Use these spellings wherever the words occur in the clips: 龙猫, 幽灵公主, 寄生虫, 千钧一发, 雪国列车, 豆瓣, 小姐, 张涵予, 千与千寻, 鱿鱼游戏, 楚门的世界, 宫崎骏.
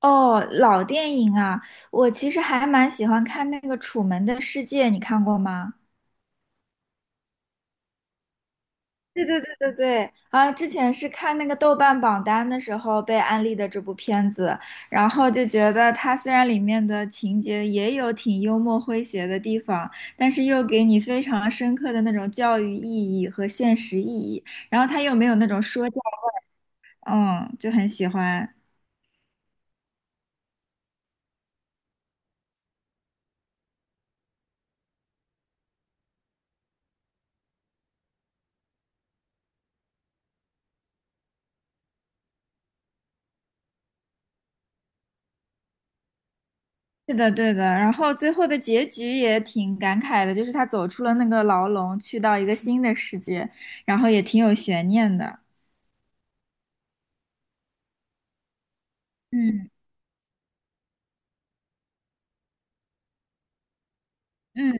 哦，老电影啊，我其实还蛮喜欢看那个《楚门的世界》，你看过吗？对对对对对，啊，之前是看那个豆瓣榜单的时候被安利的这部片子，然后就觉得它虽然里面的情节也有挺幽默诙谐的地方，但是又给你非常深刻的那种教育意义和现实意义，然后它又没有那种说教，嗯，就很喜欢。是的，对的。然后最后的结局也挺感慨的，就是他走出了那个牢笼，去到一个新的世界，然后也挺有悬念的。嗯嗯，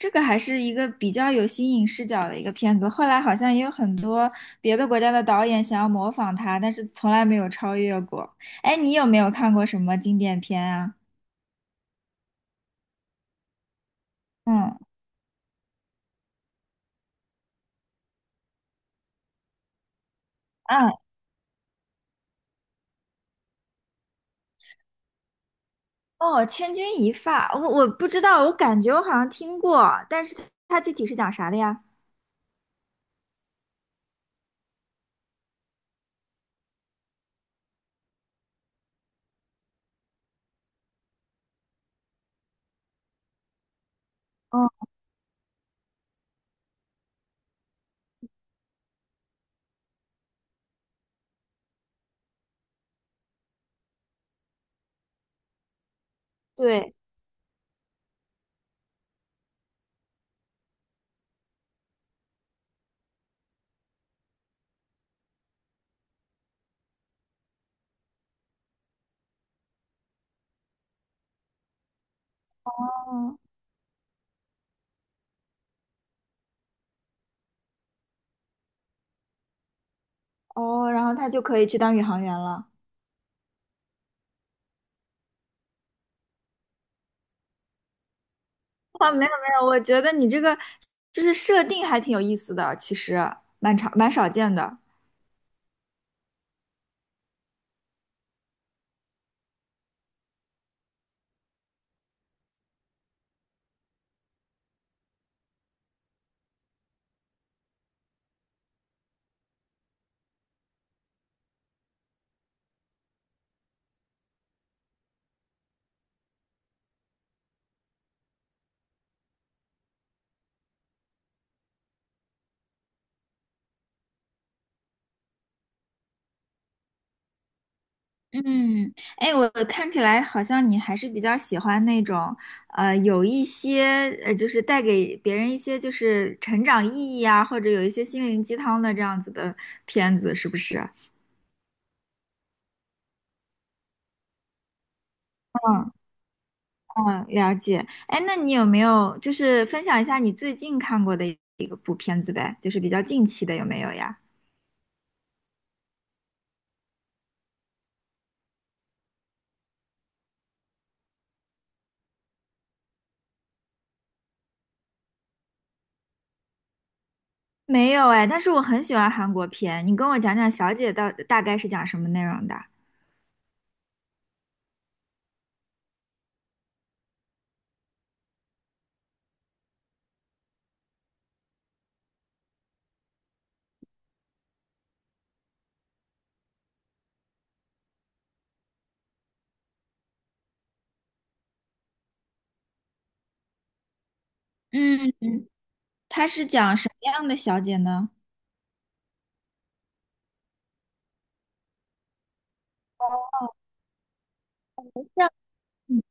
这个还是一个比较有新颖视角的一个片子。后来好像也有很多别的国家的导演想要模仿他，但是从来没有超越过。哎，你有没有看过什么经典片啊？嗯。嗯。哦，《千钧一发》，我不知道，我感觉我好像听过，但是它具体是讲啥的呀？嗯，对。嗯。哦，然后他就可以去当宇航员了。啊，没有没有，我觉得你这个就是设定还挺有意思的，其实蛮少见的。嗯，哎，我看起来好像你还是比较喜欢那种，有一些就是带给别人一些就是成长意义啊，或者有一些心灵鸡汤的这样子的片子，是不是？嗯。嗯，了解。哎，那你有没有就是分享一下你最近看过的一个部片子呗？就是比较近期的有没有呀？没有哎，但是我很喜欢韩国片，你跟我讲讲《小姐》到大概是讲什么内容的？嗯，它是讲什么样的小姐呢？像。嗯。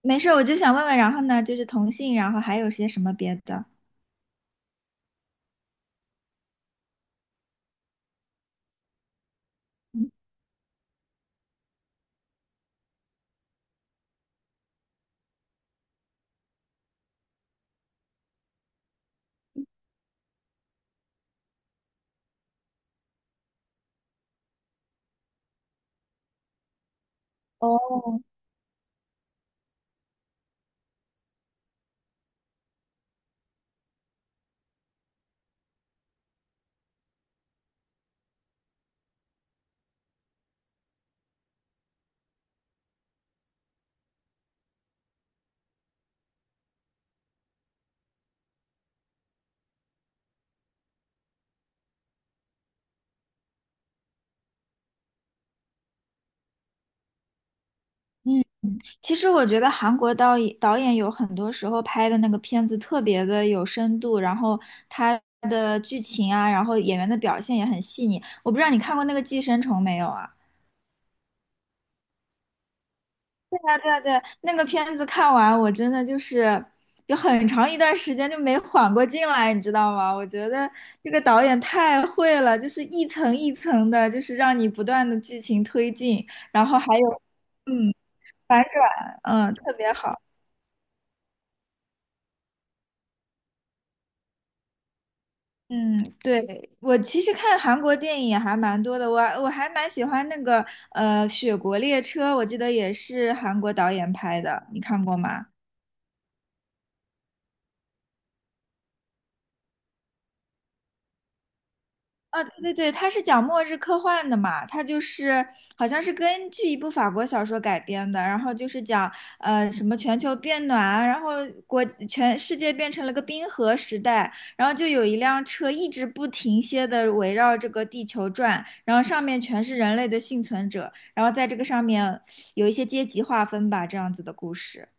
没事，我就想问问，然后呢，就是同性，然后还有些什么别的？嗯。哦。嗯。其实我觉得韩国导演有很多时候拍的那个片子特别的有深度，然后他的剧情啊，然后演员的表现也很细腻。我不知道你看过那个《寄生虫》没有啊？对，那个片子看完，我真的就是有很长一段时间就没缓过劲来，你知道吗？我觉得这个导演太会了，就是一层一层的，就是让你不断的剧情推进，然后还有，嗯。嗯，特别好。嗯，对，我其实看韩国电影也还蛮多的，我还蛮喜欢那个《雪国列车》，我记得也是韩国导演拍的，你看过吗？啊，对对对，它是讲末日科幻的嘛，它就是好像是根据一部法国小说改编的，然后就是讲什么全球变暖啊，然后国全世界变成了个冰河时代，然后就有一辆车一直不停歇的围绕这个地球转，然后上面全是人类的幸存者，然后在这个上面有一些阶级划分吧，这样子的故事。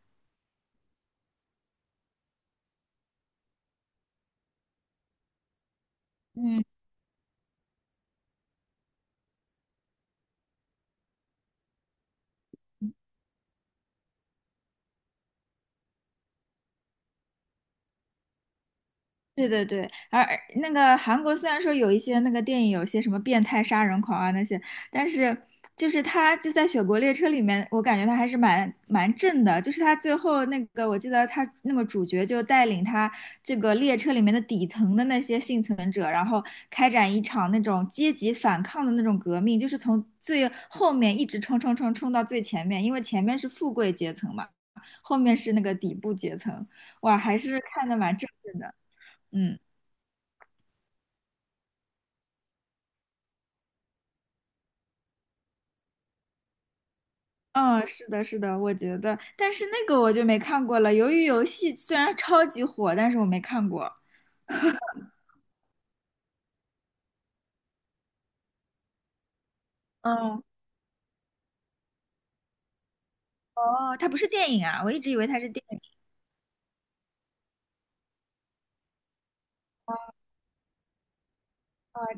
嗯，对对对，而那个韩国虽然说有一些那个电影，有些什么变态杀人狂啊那些，但是就是他就在《雪国列车》里面，我感觉他还是蛮正的。就是他最后那个，我记得他那个主角就带领他这个列车里面的底层的那些幸存者，然后开展一场那种阶级反抗的那种革命，就是从最后面一直冲到最前面，因为前面是富贵阶层嘛，后面是那个底部阶层。哇，还是看的蛮正面的。嗯。嗯，是的，是的，我觉得，但是那个我就没看过了。鱿鱼游戏虽然超级火，但是我没看过。嗯，哦，它不是电影啊，我一直以为它是电。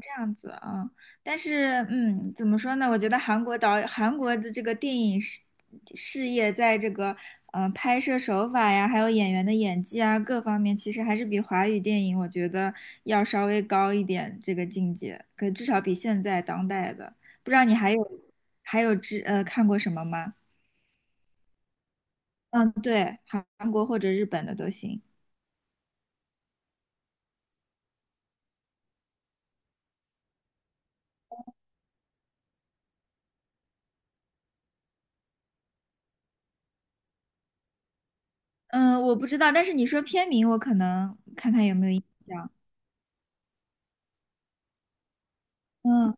这样子啊，但是嗯，怎么说呢？我觉得韩国的这个电影事业，在这个拍摄手法呀，还有演员的演技啊各方面，其实还是比华语电影我觉得要稍微高一点这个境界，可至少比现在当代的。不知道你还有还有看过什么吗？嗯，对，韩国或者日本的都行。嗯，我不知道，但是你说片名，我可能看看有没有印象。嗯。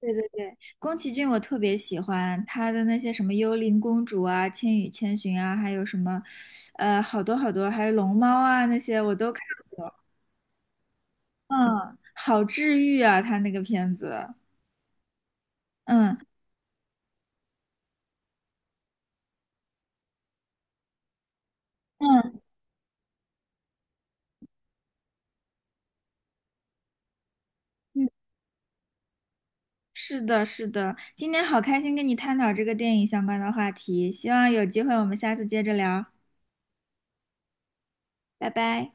对对对，宫崎骏我特别喜欢他的那些什么《幽灵公主》啊，《千与千寻》啊，还有什么，呃，好多好多，还有《龙猫》啊，那些我都看过。嗯，好治愈啊，他那个片子。嗯。嗯。嗯，是的，是的。今天好开心跟你探讨这个电影相关的话题，希望有机会我们下次接着聊，拜拜。